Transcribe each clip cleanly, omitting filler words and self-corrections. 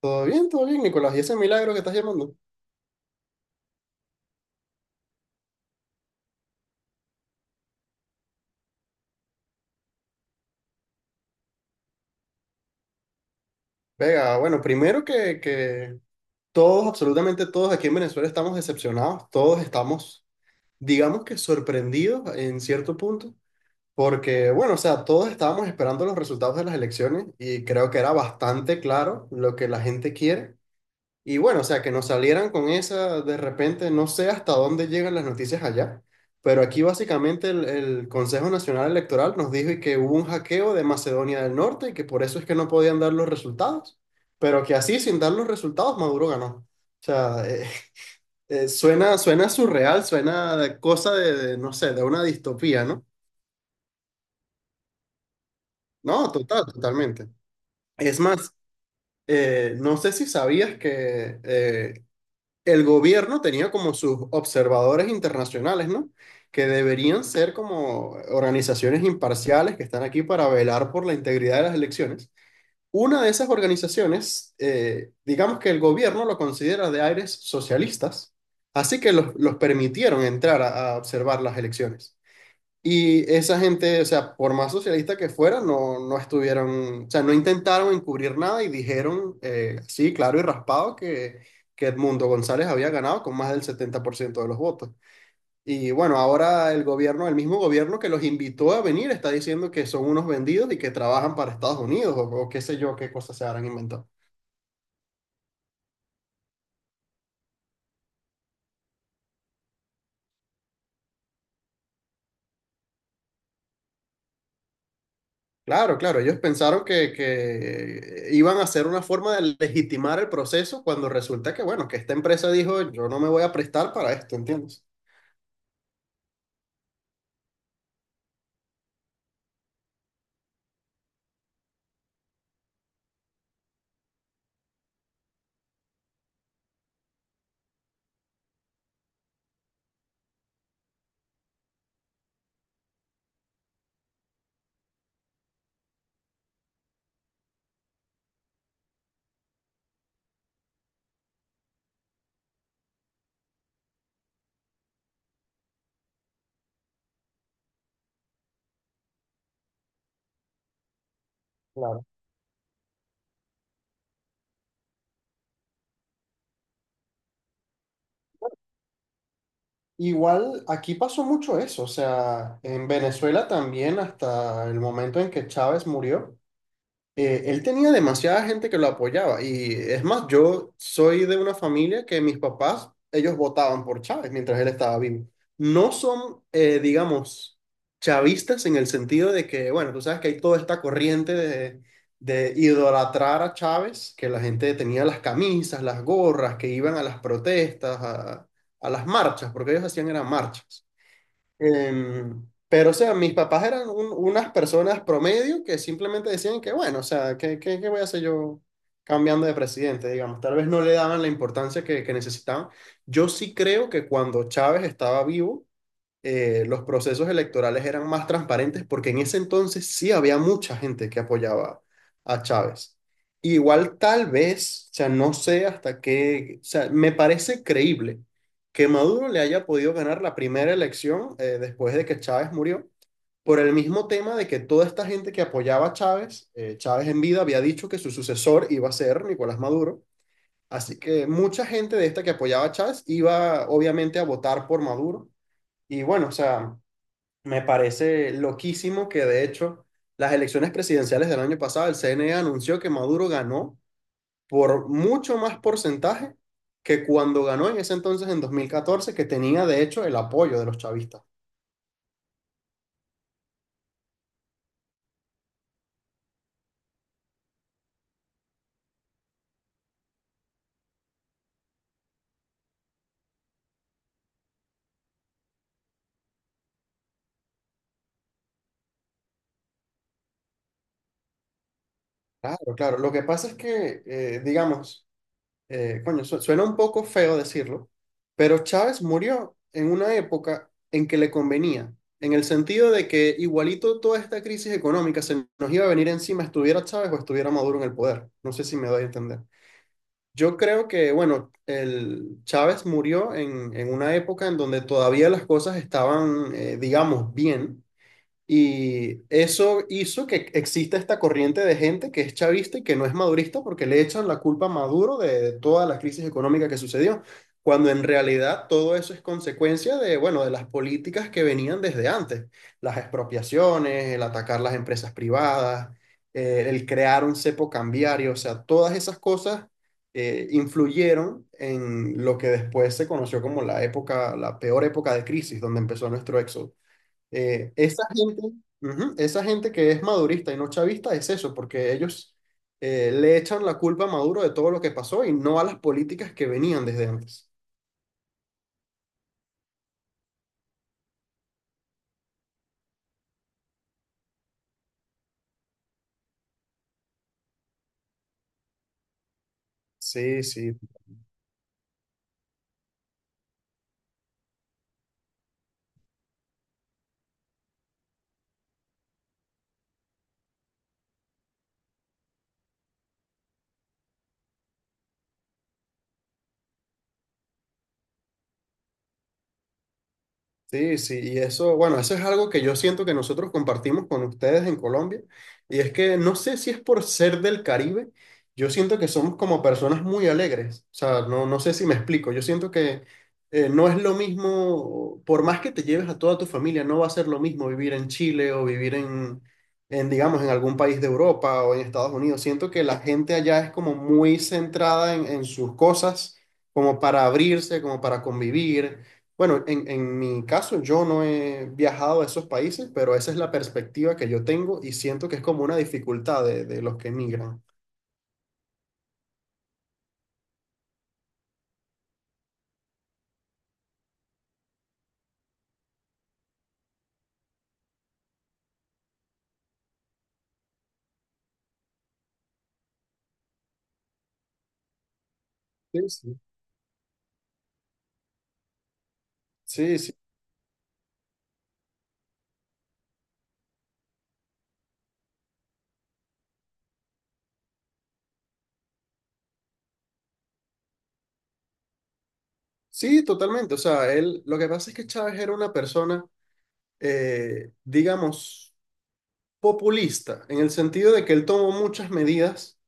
Todo bien, Nicolás. ¿Y ese milagro que estás llamando? Venga, bueno, primero que todos, absolutamente todos aquí en Venezuela estamos decepcionados, todos estamos, digamos que sorprendidos en cierto punto, porque, bueno, o sea, todos estábamos esperando los resultados de las elecciones y creo que era bastante claro lo que la gente quiere. Y bueno, o sea, que nos salieran con esa de repente, no sé hasta dónde llegan las noticias allá, pero aquí básicamente el Consejo Nacional Electoral nos dijo y que hubo un hackeo de Macedonia del Norte y que por eso es que no podían dar los resultados, pero que así, sin dar los resultados, Maduro ganó. O sea, suena surreal, suena de cosa no sé, de una distopía, ¿no? No, total, totalmente. Es más, no sé si sabías que el gobierno tenía como sus observadores internacionales, ¿no? Que deberían ser como organizaciones imparciales que están aquí para velar por la integridad de las elecciones. Una de esas organizaciones, digamos que el gobierno lo considera de aires socialistas, así que los permitieron entrar a observar las elecciones. Y esa gente, o sea, por más socialista que fuera, no estuvieron, o sea, no intentaron encubrir nada y dijeron, sí, claro y raspado, que Edmundo González había ganado con más del 70% de los votos. Y bueno, ahora el gobierno, el mismo gobierno que los invitó a venir, está diciendo que son unos vendidos y que trabajan para Estados Unidos o qué sé yo, qué cosas se habrán inventado. Claro, claro, ellos pensaron que iban a hacer una forma de legitimar el proceso cuando resulta que, bueno, que esta empresa dijo, yo no me voy a prestar para esto, ¿entiendes? Claro. Igual aquí pasó mucho eso, o sea, en Venezuela también hasta el momento en que Chávez murió. Él tenía demasiada gente que lo apoyaba. Y es más, yo soy de una familia que mis papás, ellos votaban por Chávez mientras él estaba vivo. No son, digamos, chavistas en el sentido de que, bueno, tú sabes que hay toda esta corriente de idolatrar a Chávez, que la gente tenía las camisas, las gorras, que iban a las protestas, a las marchas, porque ellos hacían eran marchas. Pero, o sea, mis papás eran unas personas promedio que simplemente decían que, bueno, o sea, ¿qué voy a hacer yo cambiando de presidente? Digamos, tal vez no le daban la importancia que necesitaban. Yo sí creo que cuando Chávez estaba vivo, los procesos electorales eran más transparentes porque en ese entonces sí había mucha gente que apoyaba a Chávez. Igual tal vez, o sea, no sé hasta qué, o sea, me parece creíble que Maduro le haya podido ganar la primera elección después de que Chávez murió, por el mismo tema de que toda esta gente que apoyaba a Chávez, Chávez en vida había dicho que su sucesor iba a ser Nicolás Maduro, así que mucha gente de esta que apoyaba a Chávez iba obviamente a votar por Maduro. Y bueno, o sea, me parece loquísimo que de hecho las elecciones presidenciales del año pasado, el CNE anunció que Maduro ganó por mucho más porcentaje que cuando ganó en ese entonces en 2014 que tenía de hecho el apoyo de los chavistas. Claro, claro. Lo que pasa es que, digamos, coño, suena un poco feo decirlo, pero Chávez murió en una época en que le convenía, en el sentido de que igualito toda esta crisis económica se nos iba a venir encima, estuviera Chávez o estuviera Maduro en el poder. No sé si me doy a entender. Yo creo que, bueno, el Chávez murió en una época en donde todavía las cosas estaban, digamos, bien y eso hizo que exista esta corriente de gente que es chavista y que no es madurista porque le echan la culpa a Maduro de toda la crisis económica que sucedió, cuando en realidad todo eso es consecuencia de, bueno, de las políticas que venían desde antes, las expropiaciones, el atacar las empresas privadas, el crear un cepo cambiario, o sea, todas esas cosas influyeron en lo que después se conoció como la época, la peor época de crisis, donde empezó nuestro éxodo. Eh, esa gente, Esa gente que es madurista y no chavista es eso, porque ellos le echan la culpa a Maduro de todo lo que pasó y no a las políticas que venían desde antes. Sí, sí. Sí, sí, y eso, bueno, eso es algo que yo siento que nosotros compartimos con ustedes en Colombia, y es que no sé si es por ser del Caribe, yo siento que somos como personas muy alegres, o sea, no, no sé si me explico, yo siento que no es lo mismo, por más que te lleves a toda tu familia, no va a ser lo mismo vivir en Chile o vivir digamos, en algún país de Europa o en Estados Unidos. Siento que la gente allá es como muy centrada en sus cosas, como para abrirse, como para convivir bueno, en mi caso yo no he viajado a esos países, pero esa es la perspectiva que yo tengo y siento que es como una dificultad de los que emigran. Sí, sí. Sí, sí. Sí, totalmente. O sea, él, lo que pasa es que Chávez era una persona, digamos, populista, en el sentido de que él tomó muchas medidas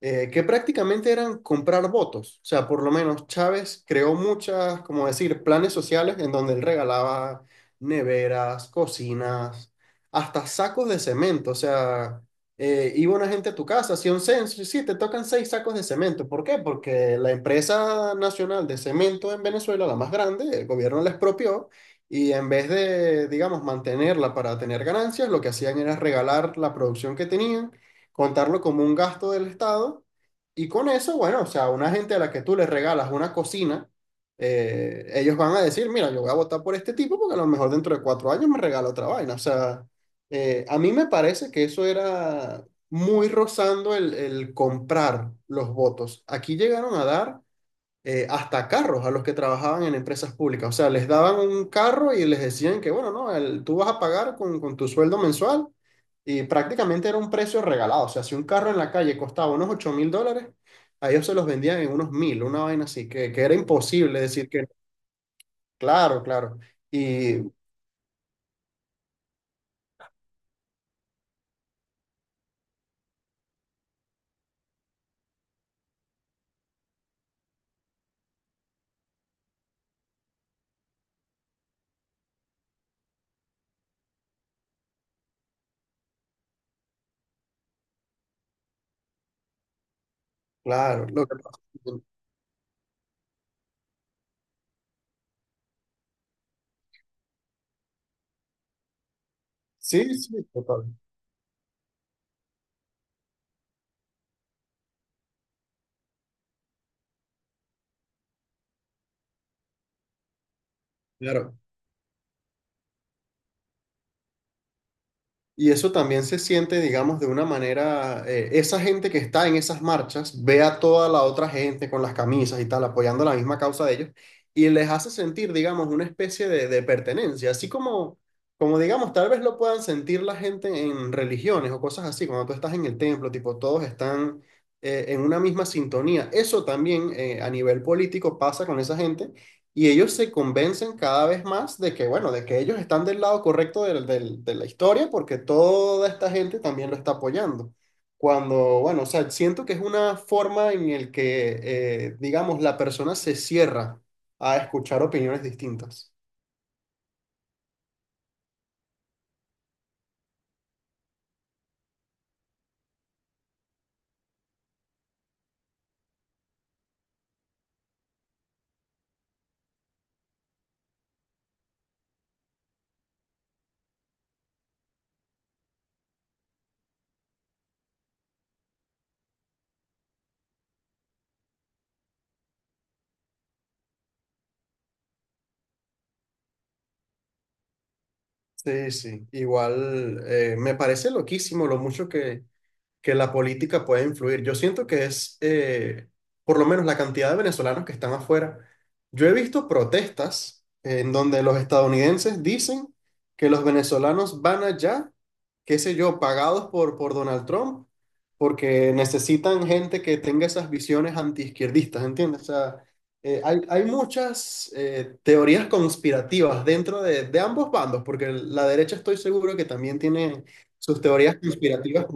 que prácticamente eran comprar votos. O sea, por lo menos Chávez creó muchas, como decir, planes sociales en donde él regalaba neveras, cocinas, hasta sacos de cemento. O sea, iba una gente a tu casa, hacía un censo, y sí, te tocan seis sacos de cemento. ¿Por qué? Porque la empresa nacional de cemento en Venezuela, la más grande, el gobierno la expropió. Y en vez de, digamos, mantenerla para tener ganancias, lo que hacían era regalar la producción que tenían contarlo como un gasto del Estado y con eso, bueno, o sea, una gente a la que tú le regalas una cocina, ellos van a decir, mira, yo voy a votar por este tipo porque a lo mejor dentro de 4 años me regala otra vaina. O sea, a mí me parece que eso era muy rozando el comprar los votos. Aquí llegaron a dar hasta carros a los que trabajaban en empresas públicas. O sea, les daban un carro y les decían que, bueno, no, tú vas a pagar con tu sueldo mensual y prácticamente era un precio regalado. O sea, si un carro en la calle costaba unos $8.000, a ellos se los vendían en unos mil, una vaina así, que era imposible decir que, claro, claro. Y claro, sí, sí, total. Claro. Y eso también se siente, digamos, de una manera, esa gente que está en esas marchas ve a toda la otra gente con las camisas y tal, apoyando la misma causa de ellos, y les hace sentir, digamos, una especie de pertenencia, así digamos, tal vez lo puedan sentir la gente en religiones o cosas así, cuando tú estás en el templo, tipo, todos están en una misma sintonía. Eso también a nivel político pasa con esa gente y ellos se convencen cada vez más de que, bueno, de que ellos están del lado correcto de la historia porque toda esta gente también lo está apoyando. Cuando, bueno, o sea, siento que es una forma en el que, digamos, la persona se cierra a escuchar opiniones distintas. Sí, sí, igual me parece loquísimo lo mucho que la política puede influir. Yo siento que es, por lo menos la cantidad de venezolanos que están afuera. Yo he visto protestas en donde los estadounidenses dicen que los venezolanos van allá, qué sé yo, pagados por Donald Trump, porque necesitan gente que tenga esas visiones antiizquierdistas, ¿entiendes? O sea, hay, hay muchas teorías conspirativas dentro de ambos bandos, porque la derecha estoy seguro que también tiene sus teorías conspirativas.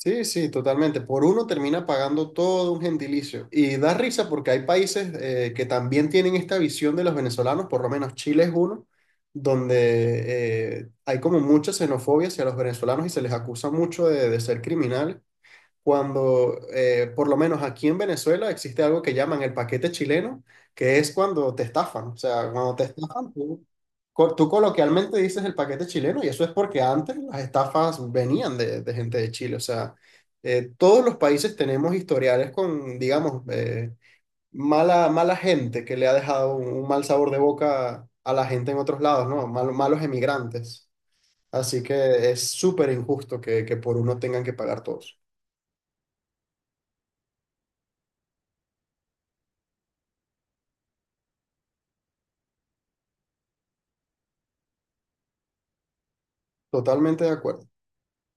Sí, sí, totalmente. Por uno termina pagando todo un gentilicio. Y da risa porque hay países que también tienen esta visión de los venezolanos, por lo menos Chile es uno, donde hay como mucha xenofobia hacia los venezolanos y se les acusa mucho de ser criminales cuando, por lo menos aquí en Venezuela, existe algo que llaman el paquete chileno, que es cuando te estafan. O sea, cuando te estafan, tú, tú coloquialmente dices el paquete chileno y eso es porque antes las estafas venían de gente de Chile. O sea, todos los países tenemos historiales con, digamos, mala, mala gente que le ha dejado un mal sabor de boca a la gente en otros lados, ¿no? Malos emigrantes. Así que es súper injusto que por uno tengan que pagar todos. Totalmente de acuerdo.